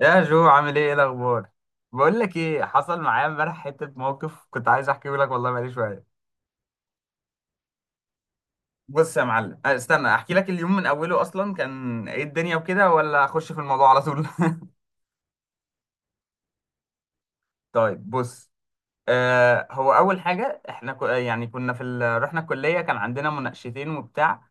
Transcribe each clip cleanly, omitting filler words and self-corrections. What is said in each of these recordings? يا جو، عامل ايه؟ ايه الاخبار؟ بقول لك ايه حصل معايا امبارح، حته موقف كنت عايز احكيه لك والله بقالي شويه. بص يا معلم. استنى احكي لك اليوم من اوله اصلا كان ايه الدنيا وكده، ولا اخش في الموضوع على طول؟ طيب بص. هو اول حاجه احنا يعني كنا في رحنا الكليه، كان عندنا مناقشتين وبتاع.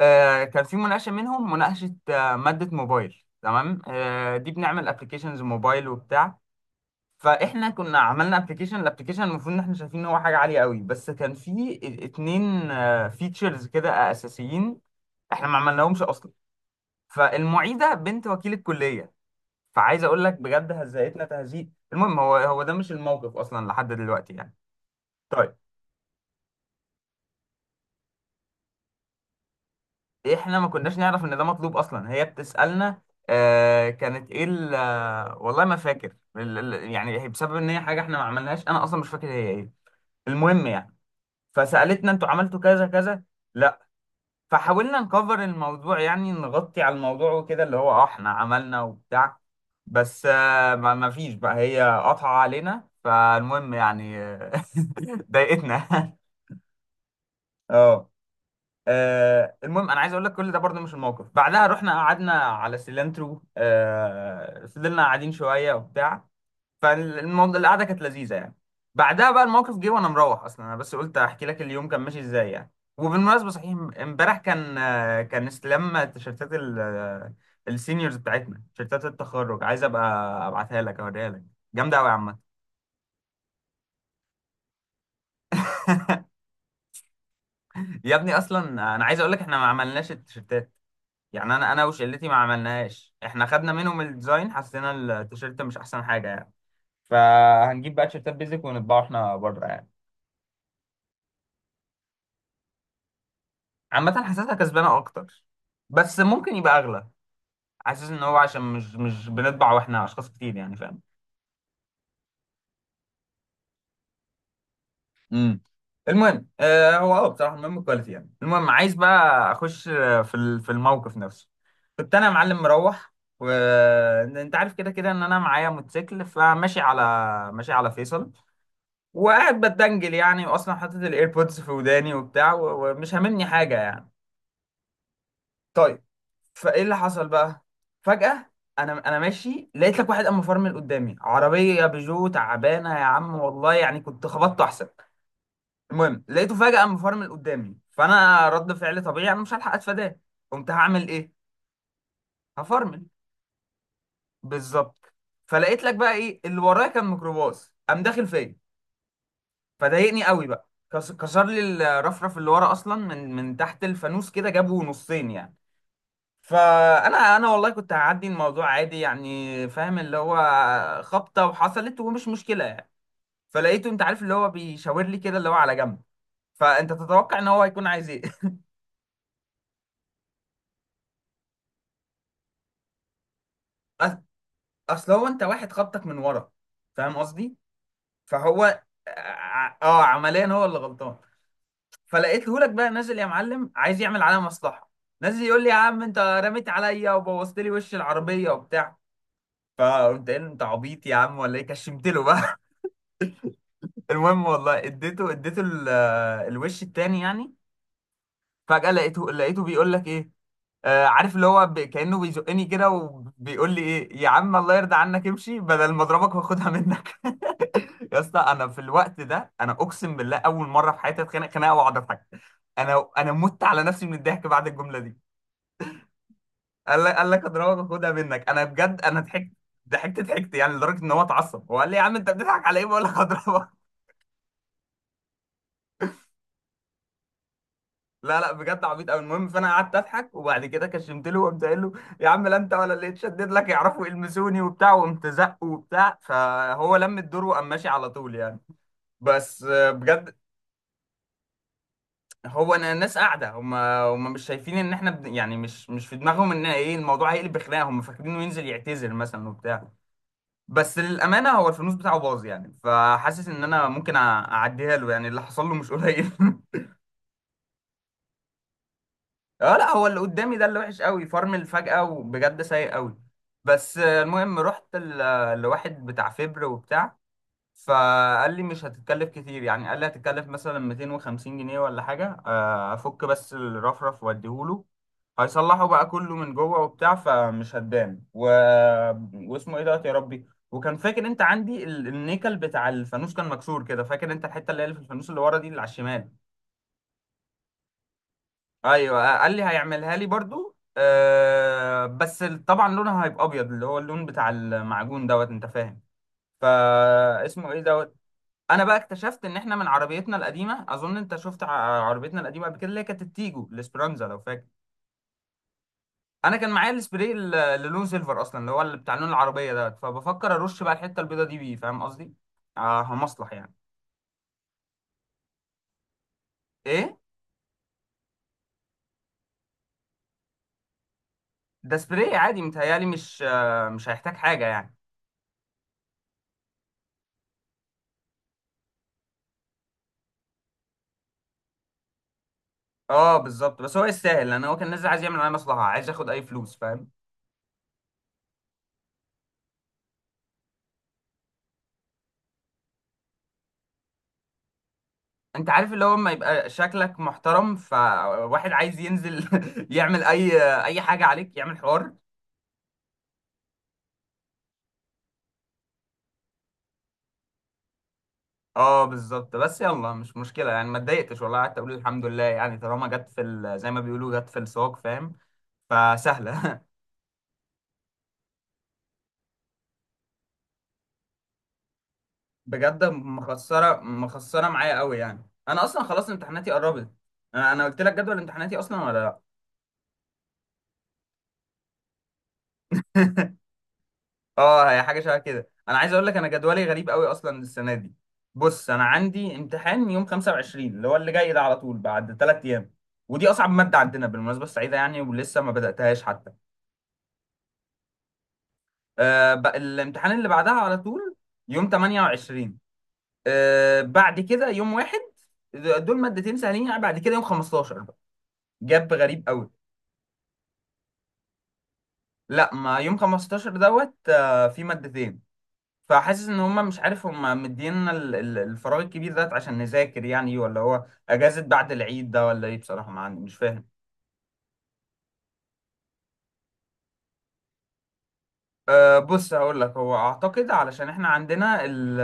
كان في مناقشه منهم، مناقشه ماده موبايل، تمام؟ دي بنعمل ابلكيشنز موبايل وبتاع. فاحنا كنا عملنا ابلكيشن، الابلكيشن المفروض ان احنا شايفين ان هو حاجه عاليه قوي، بس كان في اتنين فيتشرز كده اساسيين احنا ما عملناهمش اصلا. فالمعيده بنت وكيل الكليه، فعايز اقول لك بجد هزقتنا تهزيق. المهم، هو ده مش الموقف اصلا لحد دلوقتي يعني. طيب، احنا ما كناش نعرف ان ده مطلوب اصلا، هي بتسالنا. كانت ايه والله ما فاكر يعني هي بسبب ان هي حاجه احنا ما عملناهاش، انا اصلا مش فاكر هي ايه. المهم يعني، فسالتنا انتوا عملتوا كذا كذا؟ لا. فحاولنا نكفر الموضوع يعني، نغطي على الموضوع وكده، اللي هو اه احنا عملنا وبتاع. بس ما فيش بقى، هي قطع علينا. فالمهم يعني، ضايقتنا. اه. المهم انا عايز اقول لك، كل ده برضه مش الموقف. بعدها رحنا قعدنا على سيلانترو، فضلنا قاعدين شويه وبتاع. فالقعده كانت لذيذه يعني. بعدها بقى الموقف جه وانا مروح اصلا. انا بس قلت احكي لك اليوم كان ماشي ازاي يعني. وبالمناسبه صحيح، امبارح كان كان استلام تيشيرتات السينيورز بتاعتنا، تيشيرتات التخرج. عايز ابقى ابعتها لك اوريها لك، جامده قوي يا عم. يا ابني اصلا، انا عايز اقول لك احنا ما عملناش التيشيرتات. يعني انا وشلتي ما عملناش. احنا خدنا منهم الديزاين، حسينا التيشيرت مش احسن حاجه يعني. فهنجيب بقى تيشيرتات بيزك ونطبعه احنا بره يعني. عامة حاسسها كسبانة أكتر، بس ممكن يبقى أغلى. حاسس إن هو عشان مش بنطبع وإحنا أشخاص كتير، يعني فاهم؟ امم المهم آه هو اه بصراحة المهم الكواليتي يعني. المهم، عايز بقى أخش في في الموقف نفسه. كنت أنا يا معلم مروح، وأنت عارف كده كده إن أنا معايا موتوسيكل. فماشي على، ماشي على فيصل وقاعد بتدنجل يعني، وأصلا حاطط الإيربودز في وداني وبتاع، ومش هاممني حاجة يعني. طيب. فايه اللي حصل بقى؟ فجأة، انا ماشي لقيت لك واحد قام مفرمل قدامي، عربية بيجو تعبانة يا عم والله، يعني كنت خبطته احسن. المهم، لقيته فجأة قام مفرمل قدامي، فانا رد فعل طبيعي، انا مش هلحق اتفاداه، قمت هعمل ايه؟ هفرمل. بالظبط. فلقيت لك بقى ايه اللي ورايا كان؟ ميكروباص قام داخل فيا. فضايقني قوي بقى، كسر لي الرفرف اللي ورا اصلا، من تحت الفانوس كده، جابه نصين يعني. فانا والله كنت هعدي الموضوع عادي يعني، فاهم؟ اللي هو خبطه وحصلت ومش مشكله يعني. فلقيته، انت عارف اللي هو بيشاور لي كده اللي هو على جنب. فانت تتوقع ان هو هيكون عايز ايه؟ أص- اصل هو انت واحد خبطك من ورا، فاهم قصدي؟ فهو عمليا هو اللي غلطان. فلقيته لك بقى نازل يا معلم عايز يعمل عليا مصلحه. نازل يقول لي يا عم انت رميت عليا وبوظت لي وش العربيه وبتاع. فقمت قايل له انت عبيط يا عم ولا ايه؟ كشمت له. المهم والله اديته الوش التاني يعني. فجأة لقيته بيقول لك ايه؟ عارف اللي هو كأنه بيزقني كده وبيقول لي ايه، يا عم الله يرضى عنك امشي بدل ما اضربك واخدها منك. يا اسطى، انا في الوقت ده، انا اقسم بالله اول مره في حياتي اتخانق خناقه واقعد اضحك. انا مت على نفسي من الضحك بعد الجمله دي. قال لك، قال لك اضربك واخدها منك. انا بجد انا ضحكت، ضحكت يعني لدرجه ان هو اتعصب، هو قال لي يا عم انت بتضحك على ايه؟ بقول لك اضربك. لا لا، بجد عبيط قوي. المهم، فانا قعدت اضحك، وبعد كده كشمت له وقمت قايل له يا عم لا انت ولا اللي اتشدد لك يعرفوا يلمسوني وبتاع. وقمت زقه وبتاع، فهو لم الدور وقام ماشي على طول يعني. بس بجد. هو انا الناس قاعده هم مش شايفين ان احنا يعني مش في دماغهم ان ايه، الموضوع هيقلب خناقه، هم فاكرينه ينزل يعتذر مثلا وبتاع. بس للامانه هو الفلوس بتاعه باظ يعني، فحاسس ان انا ممكن اعديها له يعني، اللي حصل له مش قليل. اه، لا هو اللي قدامي ده اللي وحش قوي، فرمل فجأة وبجد سيء قوي. بس المهم رحت لواحد بتاع فبر وبتاع. فقال لي مش هتتكلف كتير يعني، قال لي هتتكلف مثلا 250 جنيه ولا حاجة. افك بس الرفرف واديهوله، هيصلحه بقى كله من جوه وبتاع فمش هتبان و... واسمه ايه دوت، يا ربي. وكان فاكر انت عندي النيكل بتاع الفانوس كان مكسور كده؟ فاكر انت الحتة اللي هي اللي في الفانوس اللي ورا دي، اللي على الشمال؟ ايوه. قال لي هيعملها لي برضو، أه، بس طبعا لونها هيبقى ابيض اللي هو اللون بتاع المعجون دوت، انت فاهم؟ فا اسمه ايه دوت. انا بقى اكتشفت ان احنا من عربيتنا القديمه، اظن انت شفت عربيتنا القديمه قبل كده، اللي هي كانت التيجو الاسبرانزا لو فاكر. انا كان معايا السبراي اللي لونه سيلفر اصلا، اللي هو اللي بتاع لون العربيه دوت. فبفكر ارش بقى الحته البيضه دي بيه، فاهم قصدي؟ اه مصلح يعني. ايه ده سبراي عادي، متهيالي مش هيحتاج حاجه يعني. اه بالظبط، بس هو يستاهل، لان هو كان نازل عايز يعمل معايا مصلحه، عايز ياخد اي فلوس، فاهم؟ انت عارف اللي هو لما يبقى شكلك محترم، فواحد عايز ينزل يعمل اي حاجه عليك، يعمل حوار. اه بالظبط، بس يلا مش مشكله يعني، ما اتضايقتش والله، قعدت اقول الحمد لله يعني، طالما جت في زي ما بيقولوا، جت في السوق، فاهم؟ فسهله. بجد مخسره معايا قوي يعني، انا اصلا خلاص امتحاناتي قربت. انا قلت لك جدول امتحاناتي اصلا ولا لا؟ اه، هي حاجه شبه كده. انا عايز اقول لك انا جدولي غريب قوي اصلا السنه دي. بص، انا عندي امتحان يوم 25، اللي هو اللي جاي ده على طول بعد ثلاث ايام، ودي اصعب ماده عندنا بالمناسبه السعيده يعني، ولسه ما بداتهاش حتى. بقى الامتحان اللي بعدها على طول يوم 28. بعد كده يوم واحد، دول مادتين سهلين يعني. بعد كده يوم 15 بقى، جاب غريب قوي. لا، ما يوم 15 دوت في مادتين. فحاسس ان هم مش عارف، هم مدينا الفراغ الكبير ده عشان نذاكر يعني، ولا هو اجازة بعد العيد ده ولا ايه، بصراحة ما عندي، مش فاهم. أه بص هقول لك، هو اعتقد علشان احنا عندنا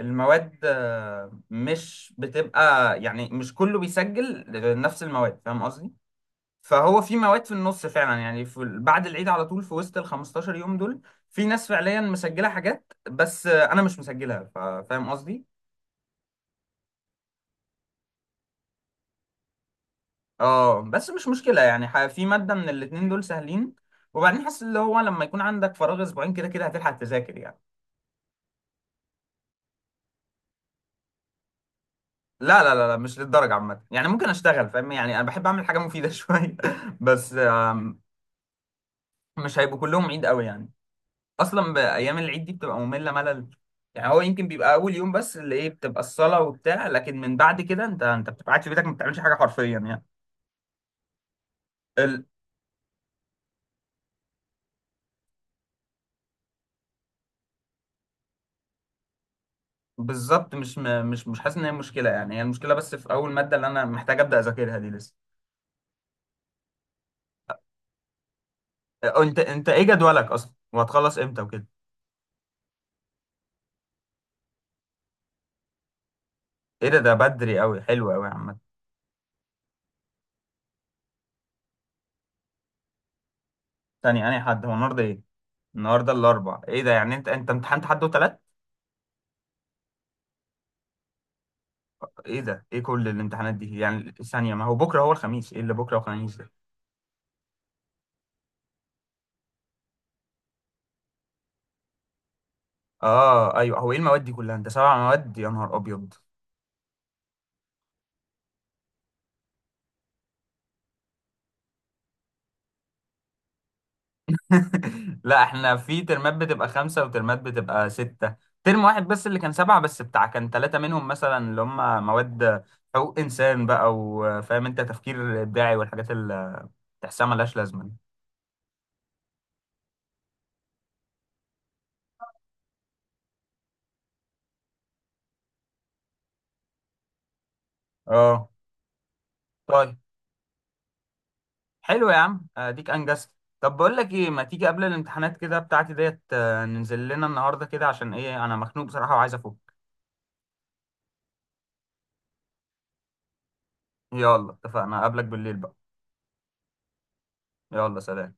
المواد مش بتبقى يعني، مش كله بيسجل نفس المواد، فاهم قصدي؟ فهو في مواد في النص فعلا يعني، في بعد العيد على طول في وسط ال 15 يوم دول. في ناس فعليا مسجلة حاجات بس انا مش مسجلها، فاهم قصدي؟ اه، بس مش مشكلة يعني، في مادة من الاتنين دول سهلين. وبعدين حاسس اللي هو لما يكون عندك فراغ اسبوعين كده كده هتلحق تذاكر يعني. لا، مش للدرجة. عامة يعني ممكن اشتغل، فاهم يعني؟ انا بحب اعمل حاجة مفيدة شوية. بس مش هيبقوا كلهم عيد قوي يعني، اصلا بايام العيد دي بتبقى مملة ملل يعني. هو يمكن بيبقى اول يوم بس اللي ايه بتبقى الصلاة وبتاع، لكن من بعد كده انت بتبقى قاعد في بيتك، ما بتعملش حاجة حرفيا يعني. ال... بالظبط. مش م... مش مش حاسس ان هي مشكلة يعني، هي المشكلة بس في اول مادة اللي انا محتاج ابدا اذاكرها دي لسه. انت ايه جدولك اصلا، وهتخلص امتى وكده؟ ايه ده، ده بدري قوي، حلو قوي يا عم. تاني انا، حد هو النهارده ايه؟ النهارده الاربع، ايه ده يعني؟ انت امتحنت حد وتلات؟ ايه ده، ايه كل الامتحانات دي يعني؟ ثانيه، ما هو بكره هو الخميس، ايه اللي بكره وخميس ده؟ اه ايوه، هو ايه المواد دي كلها؟ انت سبع مواد؟ يا نهار ابيض. لا، احنا في ترمات بتبقى خمسه وترمات بتبقى سته، ترم واحد بس اللي كان سبعه، بس بتاع كان ثلاثه منهم مثلا اللي هم مواد حقوق انسان بقى، وفاهم انت، تفكير ابداعي والحاجات تحسها ملهاش لازمه. اه طيب، حلو يا عم، اديك انجزت. طب بقول لك ايه، ما تيجي قبل الامتحانات كده بتاعتي ديت، ننزل لنا النهارده كده، عشان ايه، انا مخنوق بصراحه وعايز افك. يلا، اتفقنا، اقابلك بالليل بقى. يلا، سلام.